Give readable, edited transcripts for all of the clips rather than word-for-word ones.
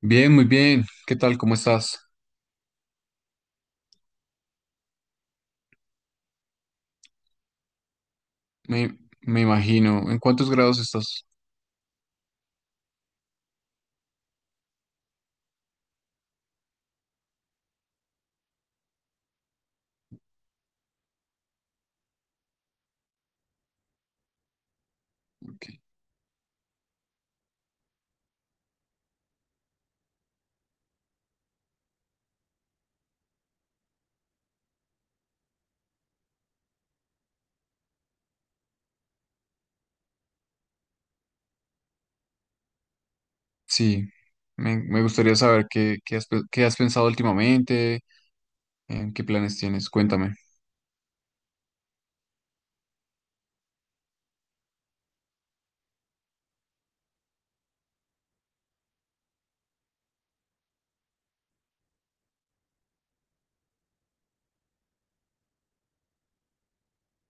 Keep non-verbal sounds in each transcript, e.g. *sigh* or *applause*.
Bien, muy bien. ¿Qué tal? ¿Cómo estás? Me imagino. ¿En cuántos grados estás? Ok. Sí, me gustaría saber qué has pensado últimamente, en qué planes tienes. Cuéntame.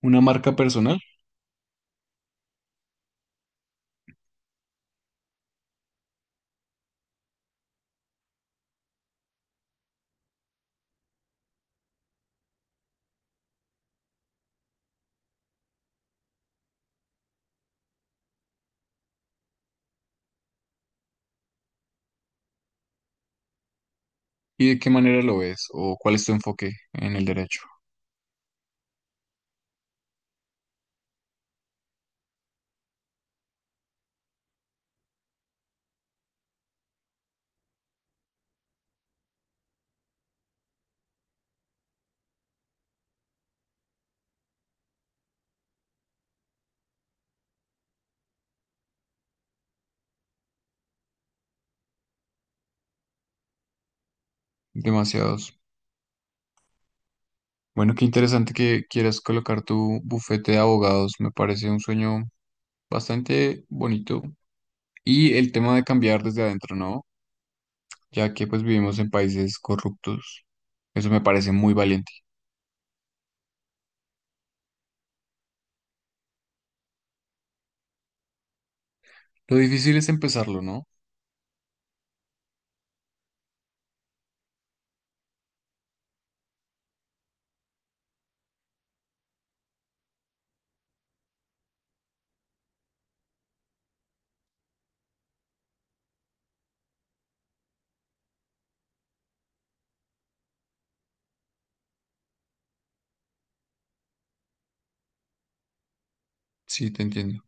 ¿Una marca personal? ¿Y de qué manera lo ves? ¿O cuál es tu enfoque en el derecho? Demasiados. Bueno, qué interesante que quieras colocar tu bufete de abogados. Me parece un sueño bastante bonito. Y el tema de cambiar desde adentro, ¿no? Ya que pues vivimos en países corruptos. Eso me parece muy valiente. Lo difícil es empezarlo, ¿no? Sí, te entiendo.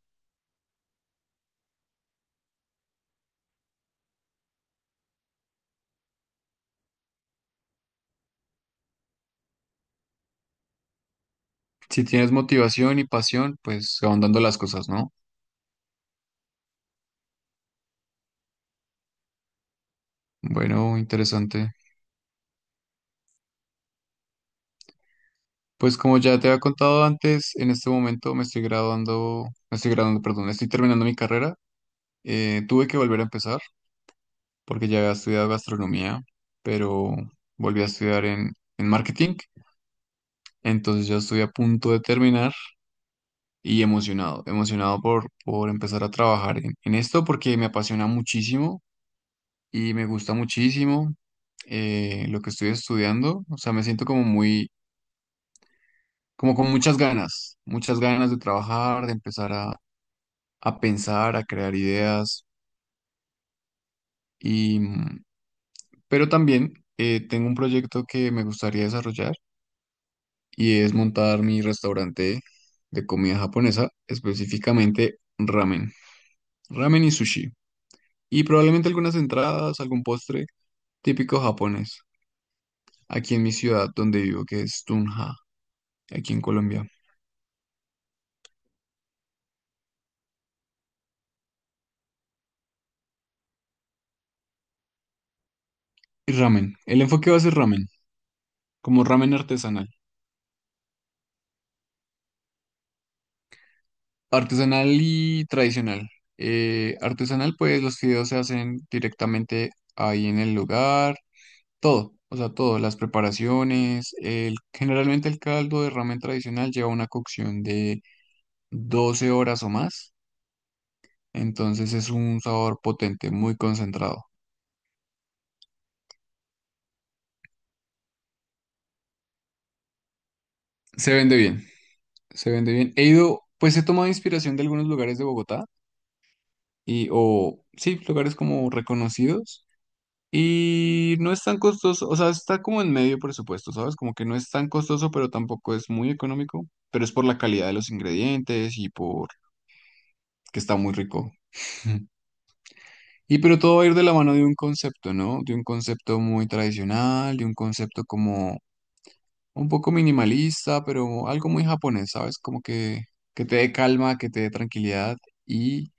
Si tienes motivación y pasión, pues se van dando las cosas, ¿no? Bueno, interesante. Pues como ya te había contado antes, en este momento me estoy graduando, perdón, estoy terminando mi carrera. Tuve que volver a empezar porque ya había estudiado gastronomía, pero volví a estudiar en marketing. Entonces ya estoy a punto de terminar y emocionado, emocionado por empezar a trabajar en esto porque me apasiona muchísimo y me gusta muchísimo lo que estoy estudiando. O sea, me siento como muy, como con muchas ganas de trabajar, de empezar a pensar, a crear ideas. Y, mm, pero también tengo un proyecto que me gustaría desarrollar y es montar mi restaurante de comida japonesa, específicamente ramen, ramen y sushi. Y probablemente algunas entradas, algún postre típico japonés, aquí en mi ciudad donde vivo, que es Tunja, aquí en Colombia. Y ramen. El enfoque va a ser ramen, como ramen artesanal. Artesanal y tradicional. Artesanal, pues los fideos se hacen directamente ahí en el lugar, todo, o sea, todo, las preparaciones. Generalmente el caldo de ramen tradicional lleva una cocción de 12 horas o más, entonces es un sabor potente, muy concentrado. Se vende bien, se vende bien. He ido, pues he tomado inspiración de algunos lugares de Bogotá y, o sí, lugares como reconocidos. Y no es tan costoso, o sea, está como en medio presupuesto, ¿sabes? Como que no es tan costoso, pero tampoco es muy económico, pero es por la calidad de los ingredientes y por que está muy rico. *laughs* Y pero todo va a ir de la mano de un concepto, ¿no? De un concepto muy tradicional, de un concepto como un poco minimalista, pero algo muy japonés, ¿sabes? Como que te dé calma, que te dé tranquilidad. Y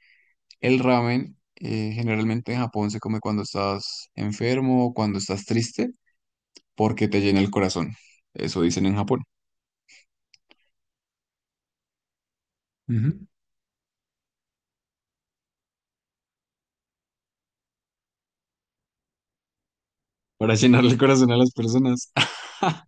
el ramen generalmente en Japón se come cuando estás enfermo o cuando estás triste, porque te llena el corazón. Eso dicen en Japón. Ujú. Para llenarle el corazón a las personas. *laughs*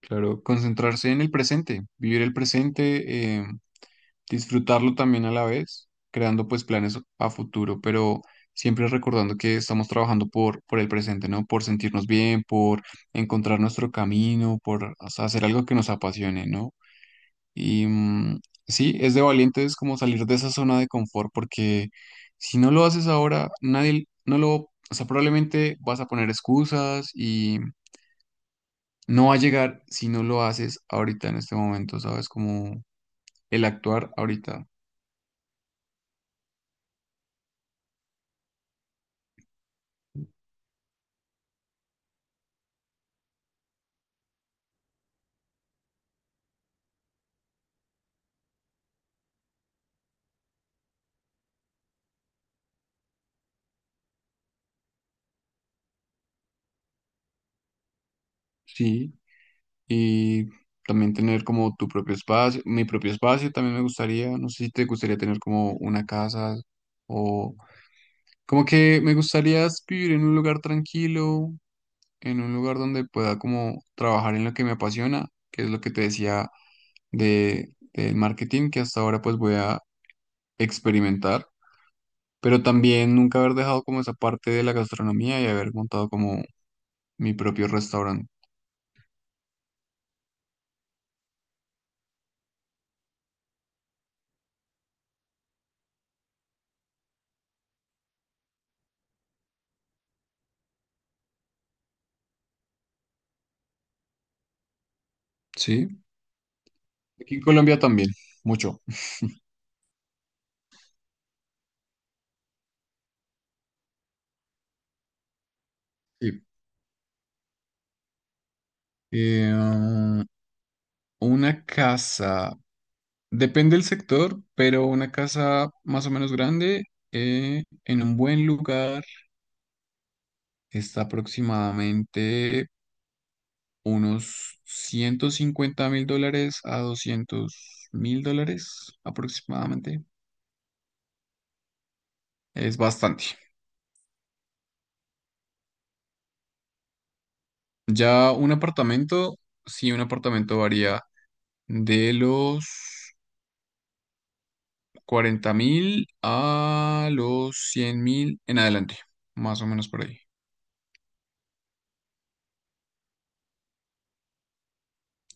Claro, concentrarse en el presente, vivir el presente, disfrutarlo también a la vez, creando pues planes a futuro, pero siempre recordando que estamos trabajando por el presente, ¿no? Por sentirnos bien, por encontrar nuestro camino, por o sea, hacer algo que nos apasione, ¿no? Y mm, sí, es de valientes como salir de esa zona de confort, porque si no lo haces ahora, nadie no lo, o sea, probablemente vas a poner excusas y no va a llegar si no lo haces ahorita en este momento, ¿sabes? Como el actuar ahorita. Sí, y también tener como tu propio espacio, mi propio espacio también me gustaría, no sé si te gustaría tener como una casa o como que me gustaría vivir en un lugar tranquilo, en un lugar donde pueda como trabajar en lo que me apasiona, que es lo que te decía de, del marketing, que hasta ahora pues voy a experimentar, pero también nunca haber dejado como esa parte de la gastronomía y haber montado como mi propio restaurante. Sí, aquí en Colombia también, mucho. *laughs* Sí. Eh, ah, una casa, depende del sector, pero una casa más o menos grande, en un buen lugar está aproximadamente unos 150.000 dólares a 200.000 dólares aproximadamente. Es bastante. Ya un apartamento, sí, un apartamento varía de los 40.000 a los 100.000 en adelante, más o menos por ahí.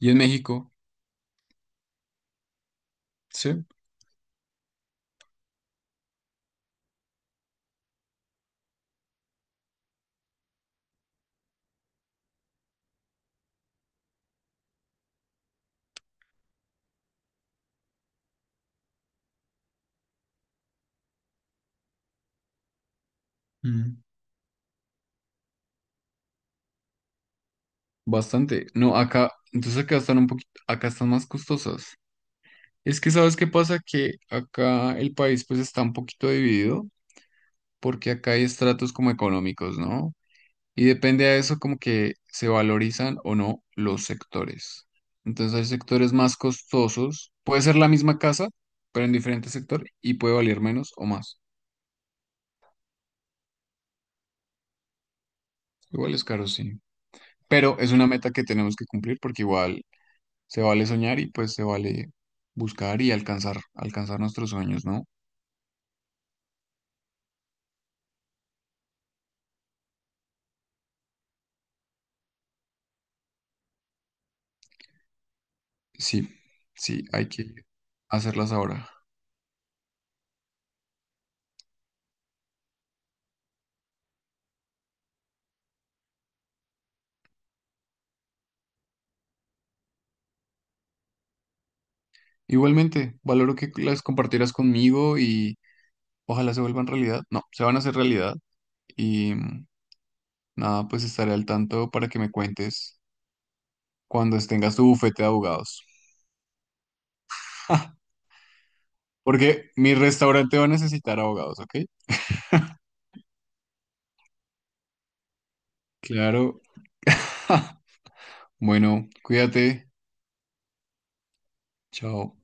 Y en México, sí, mm, bastante. No, acá, entonces acá están un poquito, acá están más costosas. Es que, ¿sabes qué pasa? Que acá el país pues está un poquito dividido, porque acá hay estratos como económicos, ¿no? Y depende de eso como que se valorizan o no los sectores. Entonces hay sectores más costosos, puede ser la misma casa, pero en diferente sector y puede valer menos o más. Igual es caro, sí. Pero es una meta que tenemos que cumplir porque igual se vale soñar y pues se vale buscar y alcanzar nuestros sueños, ¿no? Sí, sí, hay que hacerlas ahora. Igualmente, valoro que las compartieras conmigo y ojalá se vuelvan realidad. No, se van a hacer realidad. Y mm, Nada, pues estaré al tanto para que me cuentes cuando tengas tu bufete de abogados. *laughs* Porque mi restaurante va a necesitar abogados, ¿ok? Claro. *laughs* Bueno, cuídate. Chao.